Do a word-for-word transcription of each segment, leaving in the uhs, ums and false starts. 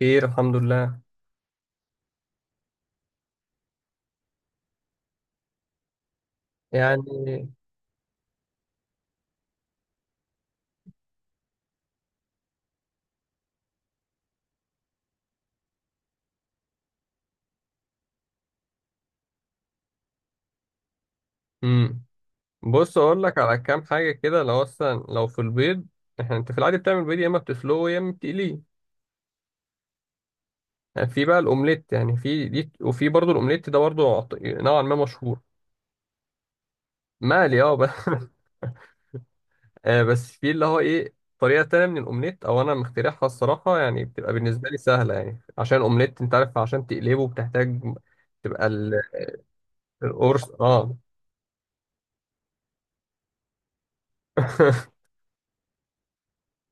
خير، الحمد لله. يعني، امم بص اقول لك على كام حاجه كده. لو اصلا لو في البيض، احنا انت في العادي بتعمل بيض، يا اما بتسلقه يا اما بتقليه. يعني في بقى الاومليت، يعني في دي، وفي برضه الاومليت ده برضه عط- نوعا ما مشهور. مقلي، اه، بس. آه، بس في اللي هو ايه، طريقه تانية من الاومليت، او انا مخترعها الصراحه يعني، بتبقى بالنسبه لي سهله يعني، عشان الاومليت انت عارف، عشان تقلبه بتحتاج تبقى ال- القرص، اه.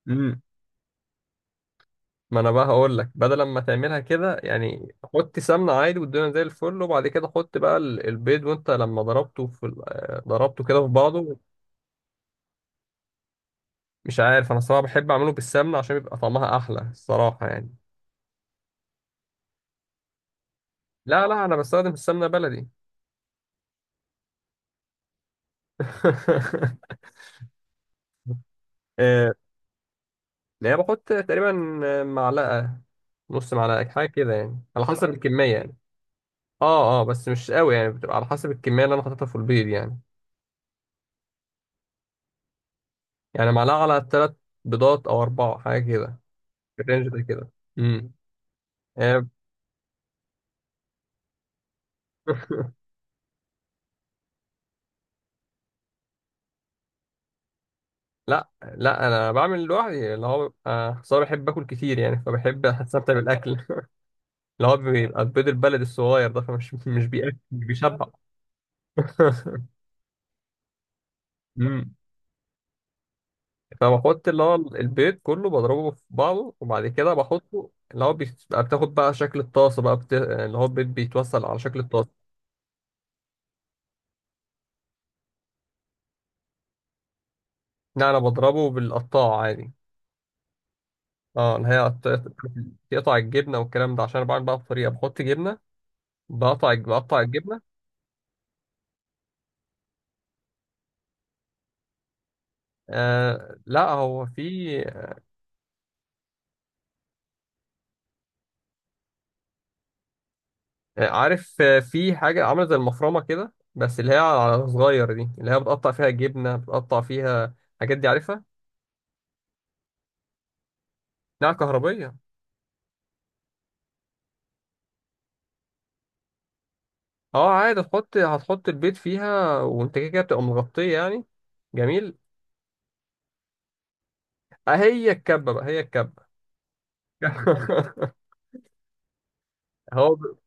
مم. ما انا بقى هقول لك، بدل ما تعملها كده، يعني حط سمنه عادي والدنيا زي الفل، وبعد كده حط بقى ال- البيض، وانت لما ضربته في ال- آه، ضربته كده في بعضه. مش عارف، انا الصراحه بحب اعمله بالسمنه عشان بيبقى طعمها احلى الصراحه يعني. لا لا، انا بستخدم السمنه بلدي. آه، يعني بحط تقريبا آه، معلقه، نص معلقه، حاجه كده يعني، على حسب الكميه يعني. اه اه، بس مش قوي يعني، بتبقى على حسب الكميه اللي انا حاططها في البيض يعني. يعني معلقه على ثلاث بيضات او اربعه، حاجه كده، في الرينج ده كده. امم آه، لا لا، انا بعمل لوحدي، اللي هو بيبقى أصل أنا بحب اكل كتير يعني، فبحب استمتع بالاكل. اللي هو بيبقى البيض البلد الصغير ده، فمش مش بياكل، مش بيشبع. أمم. فبحط اللي هو البيض كله، بضربه في بعضه وبعد كده بحطه، اللي هو بيبقى بتاخد بقى شكل الطاسه بقى، بت... اللي هو البيض بيتوصل على شكل الطاسه. لا، انا بضربه بالقطاعه عادي، اه، اللي هي قط- تقطع الجبنه والكلام ده، عشان انا بعمل بقى بطريقه بحط جبنه، بقطع بقطع الجبنه. آه لا، هو في آه، عارف، آه، في حاجة عاملة زي المفرمة كده، بس اللي هي على صغير دي، اللي هي بتقطع فيها جبنة، بتقطع فيها الحاجات دي، عارفها؟ نعم، كهربية. اه عادي، هتحط هتحط البيض فيها، وانت كده كده بتبقى مغطية يعني. جميل. آه، هي الكبة بقى، هي الكبة. هو ب-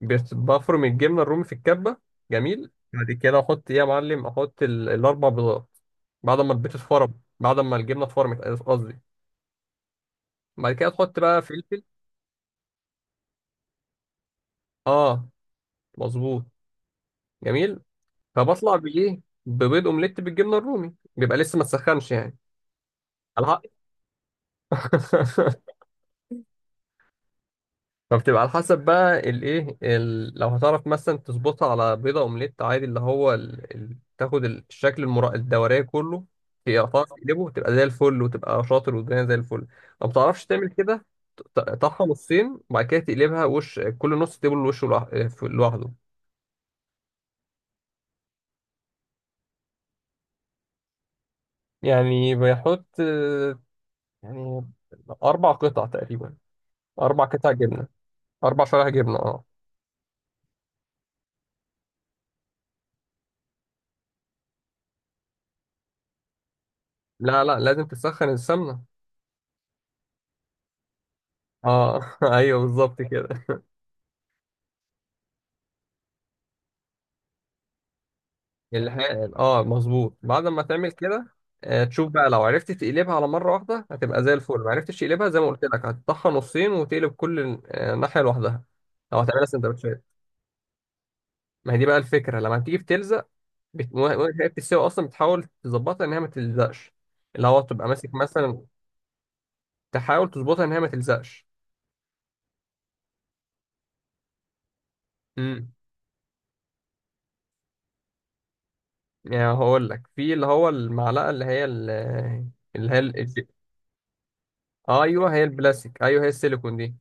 بس- بفرم الجبنة الرومي في الكبة. جميل، بعد كده احط ايه يا معلم؟ احط ال- الاربع بيضات، بعد ما البيض اتفرم، بعد ما الجبنة اتفرمت قصدي. بعد كده تحط بقى فلفل، اه، مظبوط. جميل، فبطلع بايه؟ ببيض اومليت بالجبنه الرومي، بيبقى لسه ما تسخنش يعني. على حق. فبتبقى على حسب بقى الايه، ال... لو هتعرف مثلا تظبطها على بيضه اومليت عادي، اللي هو ال... ال... تاخد الشكل المرا... الدوريه كله، في تعرف تقلبه تبقى زي الفل، وتبقى شاطر والدنيا زي الفل. لو ما بتعرفش تعمل كده، ت- تقطعها نصين وبعد كده تقلبها وش كل نص، تقلب الوش لوح- لوحده. يعني بيحط آه، يعني أربع قطع تقريبا، أربع قطع جبنة، أربع شرايح جبنة، أه. لا لا، لازم تسخن السمنة. أه، أيوه بالظبط كده. الحقن، أه مظبوط بعد ما تعمل كده. آه، تشوف بقى، لو عرفت تقلبها على مرة واحدة هتبقى زي الفل، ما عرفتش تقلبها زي ما قلت لك، هتطحن نصين وتقلب كل آه، ناحية لوحدها. لو هتعملها سندوتشات، ما هي دي بقى الفكرة، لما بتيجي بتلزق، بت... وهي بتستوي أصلا، بتحاول تظبطها إن هي ما تلزقش، اللي هو تبقى ماسك مثلا، تحاول تظبطها إن هي ما تلزقش. مم. يعني هقول لك، في اللي هو المعلقه، اللي هي ال- اللي هي ال- ايوه هي البلاستيك، ايوه هي السيليكون دي.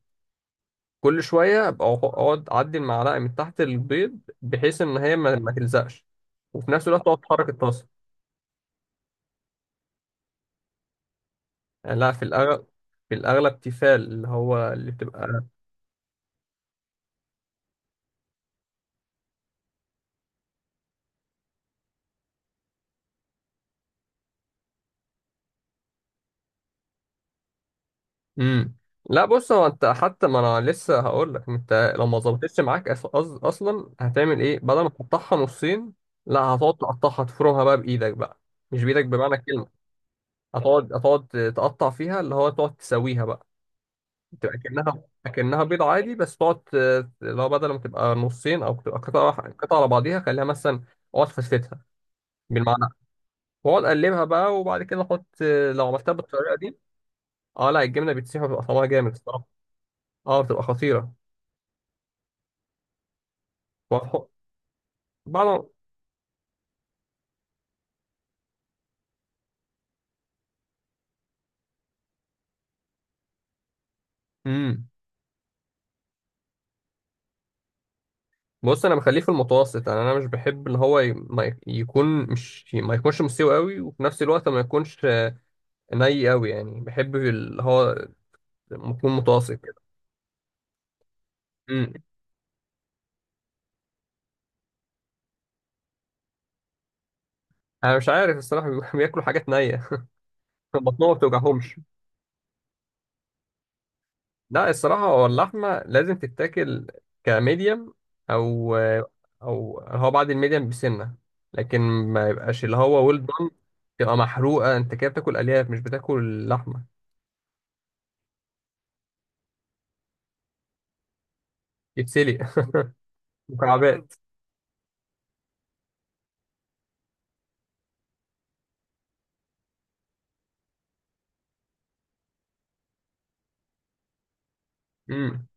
كل شويه ابقى أخ- اقعد اعدي المعلقه من تحت البيض، بحيث ان هي ما, ما تلزقش، وفي نفس الوقت تقعد تحرك الطاسه. يعني لا، في الاغلب، في الاغلب تيفال، اللي هو اللي بتبقى. امم لا بص، هو انت حتى ما انا لسه هقول لك، انت لو ما ظبطتش معاك، أص... أص- اصلا هتعمل ايه؟ بدل ما تقطعها نصين، لا هتقعد تقطعها، تفرمها بقى بايدك بقى، مش بايدك بمعنى الكلمه. هتقعد هتقعد تقطع فيها، اللي هو تقعد تسويها بقى، تبقى كأنها كأنها بيض عادي، بس تقعد ت- اللي هو بدل ما تبقى نصين او تبقى قطعة واحدة- قطعة على بعضيها، خليها مثلا اقعد فسفتها بالمعلقة، واقعد اقلبها بقى وبعد كده احط. لو عملتها بالطريقة دي، اه لا، الجبنة بتسيح وبتبقى طعمها جامد الصراحة، اه بتبقى خطيرة. وهتحط- بعد ما امم بص، انا بخليه في المتوسط يعني، انا مش بحب اللي هو ي- ما ي- يكون، مش ما يكونش مستوي قوي، وفي نفس الوقت ما يكونش ني قوي يعني، بحب اللي هو ممكن متوسط كده. امم. انا مش عارف الصراحه بي- بياكلوا حاجات نيه. بطنهم ما بتوجعهمش. لا الصراحه، هو اللحمه لازم تتاكل كميديم، او او هو بعد الميديم بسنه، لكن ما يبقاش اللي هو ويل دون، تبقى محروقه، انت كده بتاكل الياف مش بتاكل لحمه. يتسلق مكعبات. امم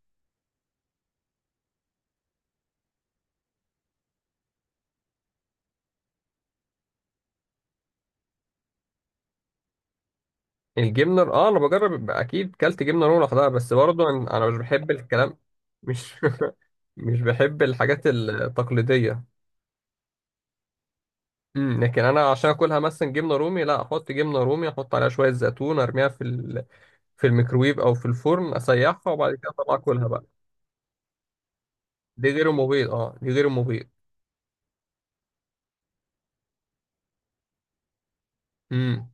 الجبنه اه، انا بجرب، يبقى اكيد كلت جبنه رومي لوحدها، بس برضه انا أنا مش بحب الكلام، مش مش بحب الحاجات التقليديه. امم لكن انا عشان اكلها مثلا جبنه رومي، لا احط جبنه رومي، احط عليها شويه زيتون، ارميها في ال... في الميكرويف او في الفرن، اسيحها وبعد كده اطلع اكلها بقى. دي غير المبيض، اه دي غير المبيض. امم.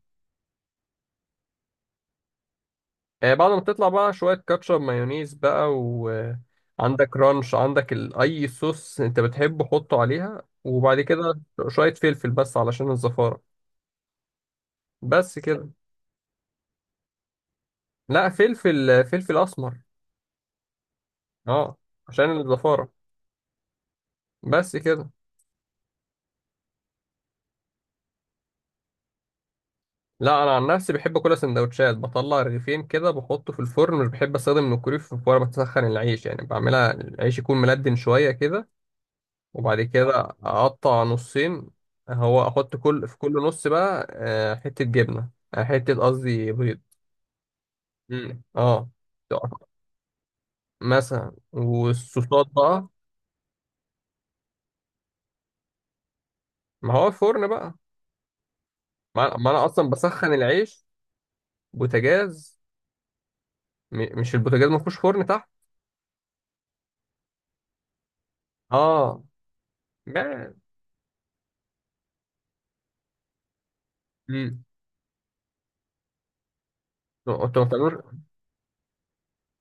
آه بعد ما تطلع بقى، شويه كاتشب، مايونيز بقى، وعندك رانش، عندك ال... اي صوص انت بتحبه حطه عليها، وبعد كده شويه فلفل بس علشان الزفاره. بس كده. لا فلفل، فلفل اسمر، اه عشان الزفاره. بس كده. لا انا عن نفسي بحب كل سندوتشات، بطلع رغيفين كده بحطه في الفرن، مش بحب استخدم الكوريف، وانا بسخن العيش يعني، بعملها العيش يكون ملدن شويه كده، وبعد كده اه اقطع نصين. هو احط كل في كل نص بقى آه، حته جبنه، آه، حته قصدي بيض. امم، اه، مثلا، والصوصات بقى. ما هو الفرن بقى. ما ما انا اصلا بسخن العيش بوتاجاز. م- مش البوتاجاز ما فيهوش فرن تحت؟ اه، ما- امم انتوا ما بتعملوش،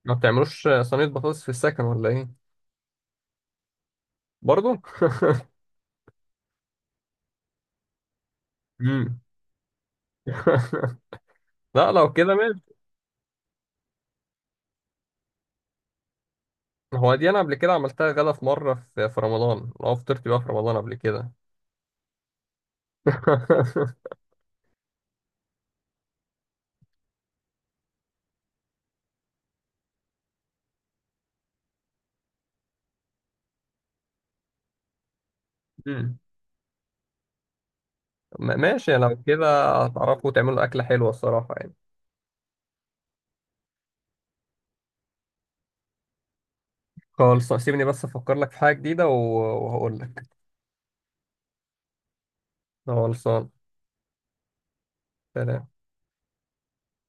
ما بتعملوش صينية بطاطس في السكن ولا ايه؟ برضو. امم. لا لو كده ماشي. هو دي، انا قبل كده عملتها غدا في مرة، في في رمضان، لو فطرت بقى في رمضان قبل كده. مم. ما- ماشي، لو كده هتعرفوا تعملوا أكلة حلوة الصراحة يعني. خلص سيبني بس أفكر لك في حاجة جديدة، و- وهقول لك. خلصان. سلام.